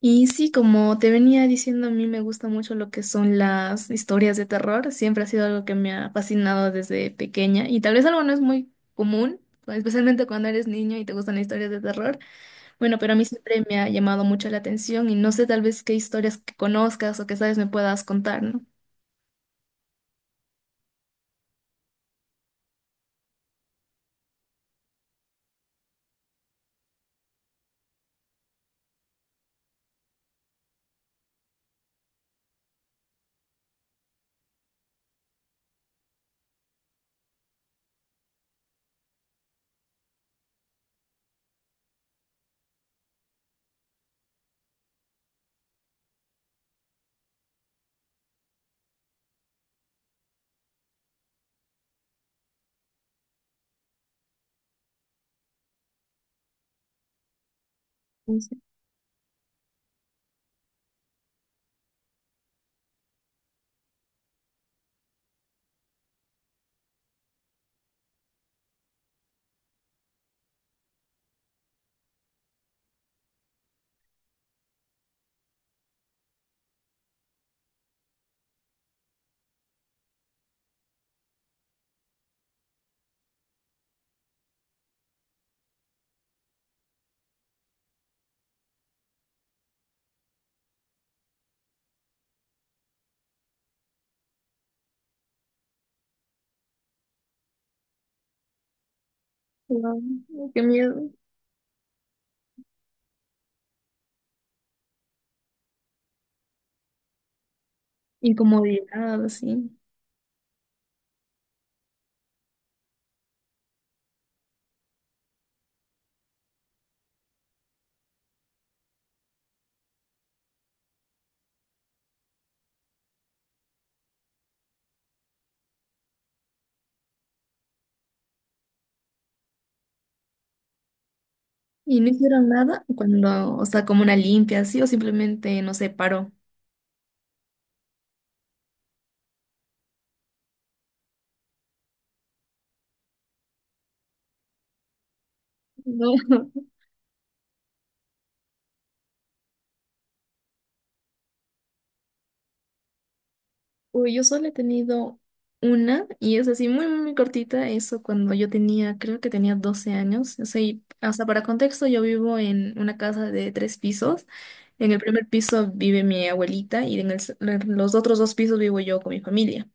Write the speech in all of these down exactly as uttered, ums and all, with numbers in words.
Y sí, como te venía diciendo, a mí me gusta mucho lo que son las historias de terror. Siempre ha sido algo que me ha fascinado desde pequeña y tal vez algo no es muy común, especialmente cuando eres niño y te gustan las historias de terror. Bueno, pero a mí siempre me ha llamado mucho la atención y no sé tal vez qué historias que conozcas o que sabes me puedas contar, ¿no? Entonces, wow, qué miedo. Incomodidad, así. Y no hicieron nada cuando, o sea, como una limpia, así, o simplemente, no sé, paró. No. Uy, yo solo he tenido una y es así muy, muy cortita, eso cuando yo tenía, creo que tenía doce años. O sea, y o sea para contexto, yo vivo en una casa de tres pisos. En el primer piso vive mi abuelita y en el s- en los otros dos pisos vivo yo con mi familia.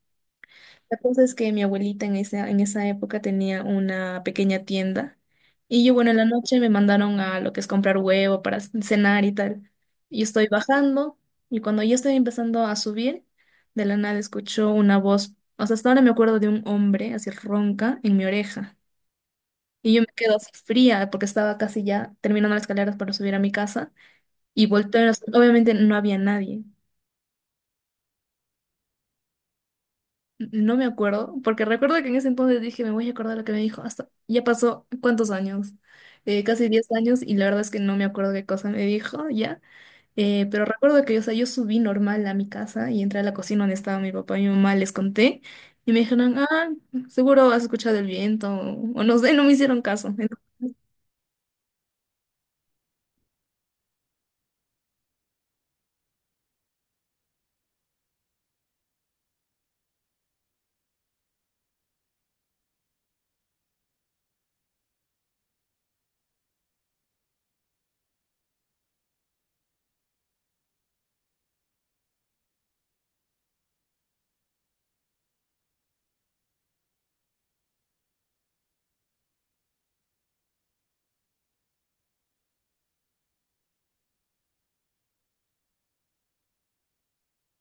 La cosa es que mi abuelita en esa, en esa época tenía una pequeña tienda y yo, bueno, en la noche me mandaron a lo que es comprar huevo para c- cenar y tal. Yo estoy bajando y cuando yo estoy empezando a subir, de la nada escucho una voz, o sea, hasta ahora me acuerdo de un hombre así ronca en mi oreja y yo me quedo así fría porque estaba casi ya terminando las escaleras para subir a mi casa y volteo, y obviamente no había nadie. No me acuerdo, porque recuerdo que en ese entonces dije, me voy a acordar lo que me dijo. Hasta ya pasó cuántos años. Eh, casi diez años, y la verdad es que no me acuerdo qué cosa me dijo ya. Eh, pero recuerdo que, o sea, yo subí normal a mi casa y entré a la cocina donde estaba mi papá y mi mamá, les conté, y me dijeron, ah, seguro has escuchado el viento, o no sé, no me hicieron caso. Entonces,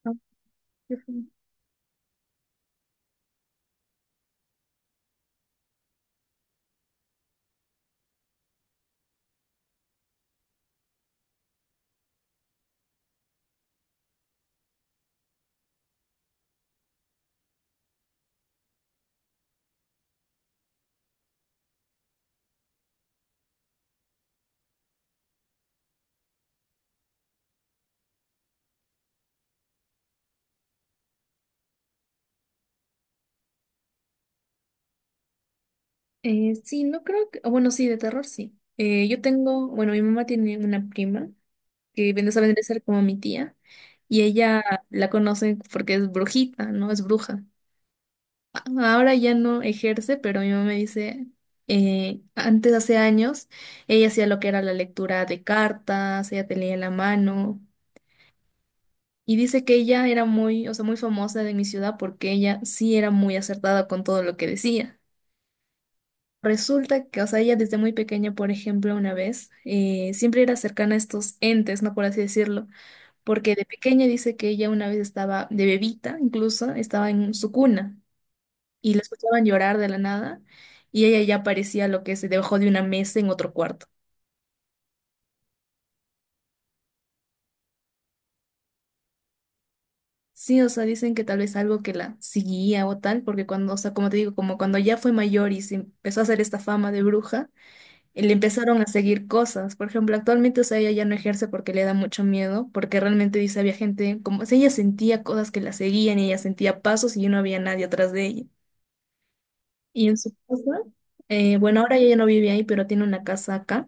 no, qué fue. Eh, sí, no creo que, o bueno, sí, de terror sí. Eh, yo tengo, bueno, mi mamá tiene una prima que viene a venir a ser como mi tía, y ella la conoce porque es brujita, ¿no? Es bruja. A- Ahora ya no ejerce, pero mi mamá me dice, eh, antes, hace años, ella hacía lo que era la lectura de cartas, ella te leía la mano, y dice que ella era muy, o sea, muy famosa de mi ciudad porque ella sí era muy acertada con todo lo que decía. Resulta que, o sea, ella desde muy pequeña, por ejemplo, una vez, eh, siempre era cercana a estos entes, ¿no? Por así decirlo, porque de pequeña dice que ella una vez estaba, de bebita incluso, estaba en su cuna y la escuchaban llorar de la nada y ella ya parecía lo que se debajo de una mesa en otro cuarto. Sí, o sea, dicen que tal vez algo que la seguía o tal, porque cuando, o sea, como te digo, como cuando ya fue mayor y se empezó a hacer esta fama de bruja, eh, le empezaron a seguir cosas. Por ejemplo, actualmente, o sea, ella ya no ejerce porque le da mucho miedo, porque realmente dice, había gente, como, o sea, ella sentía cosas que la seguían y ella sentía pasos y no había nadie atrás de ella. Y en su casa, eh, bueno, ahora ella ya no vive ahí, pero tiene una casa acá,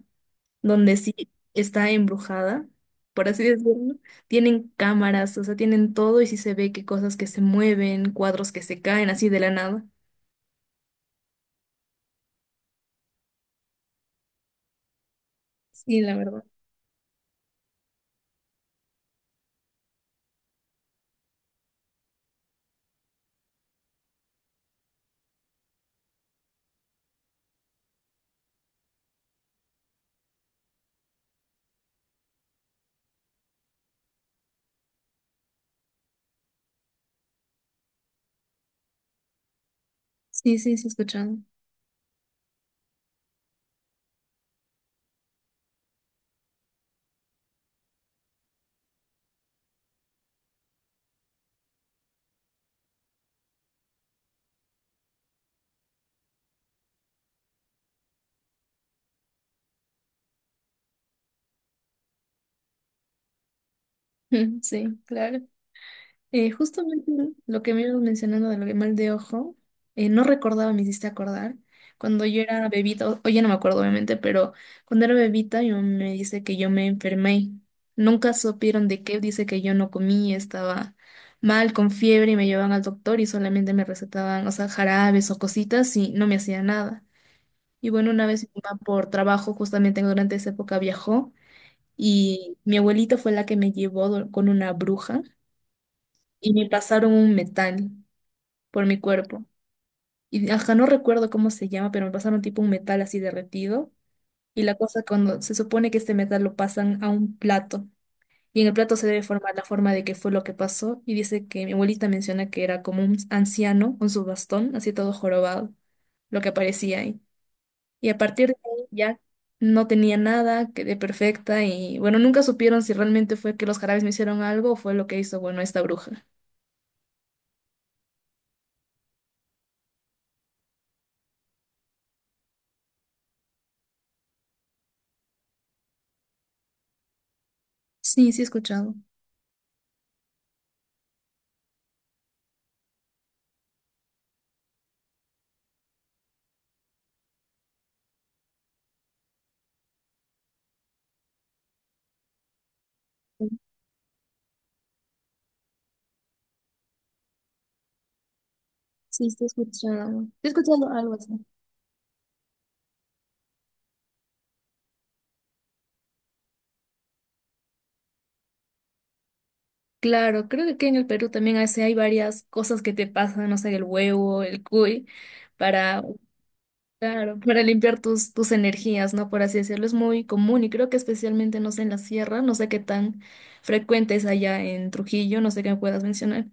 donde sí está embrujada, por así decirlo. Tienen cámaras, o sea, tienen todo y sí se ve que cosas que se mueven, cuadros que se caen así de la nada. Sí, la verdad. Sí, sí, sí, he escuchado. Sí, claro. Eh, justamente lo que me ibas mencionando de lo que mal de ojo, eh, no recordaba, me hiciste acordar. Cuando yo era bebita, o- hoy ya no me acuerdo obviamente, pero cuando era bebita yo me dice que yo me enfermé. Nunca supieron de qué, dice que yo no comí, estaba mal, con fiebre y me llevaban al doctor y solamente me recetaban, o sea, jarabes o cositas y no me hacía nada. Y bueno, una vez mi mamá por trabajo, justamente durante esa época viajó y mi abuelita fue la que me llevó do- con una bruja y me pasaron un metal por mi cuerpo. Y ajá, no recuerdo cómo se llama, pero me pasaron tipo un metal así derretido. Y la cosa cuando se supone que este metal lo pasan a un plato. Y en el plato se debe formar la forma de qué fue lo que pasó. Y dice que mi abuelita menciona que era como un anciano con su bastón, así todo jorobado, lo que aparecía ahí. Y a partir de ahí ya no tenía nada, quedé perfecta. Y bueno, nunca supieron si realmente fue que los jarabes me hicieron algo o fue lo que hizo, bueno, esta bruja. Sí, sí he escuchado. Sí, te escucho. Te escucho algo algo así. Claro, creo que aquí en el Perú también a hay varias cosas que te pasan, no sé, el huevo, el cuy, para, claro, para limpiar tus, tus energías, ¿no? Por así decirlo, es muy común y creo que especialmente, no sé, en la sierra, no sé qué tan frecuente es allá en Trujillo, no sé qué me puedas mencionar.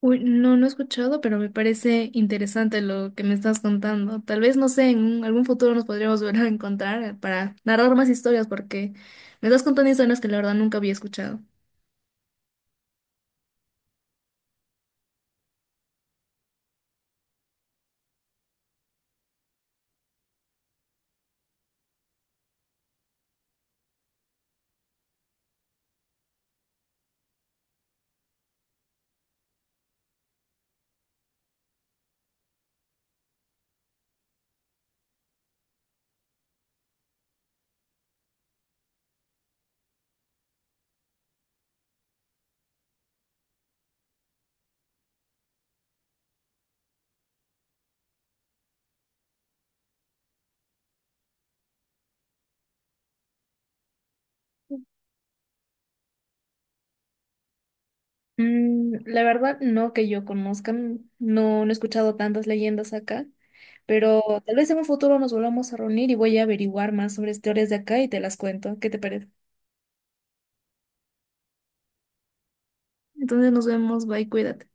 Uy, no, no he escuchado, pero me parece interesante lo que me estás contando. Tal vez, no sé, en un- algún futuro nos podríamos volver a encontrar eh, para narrar más historias, porque me estás contando historias que la verdad nunca había escuchado. Mm, la verdad, no que yo conozca, no, no he escuchado tantas leyendas acá, pero tal vez en un futuro nos volvamos a reunir y voy a averiguar más sobre historias de acá y te las cuento. ¿Qué te parece? Entonces nos vemos, bye, cuídate.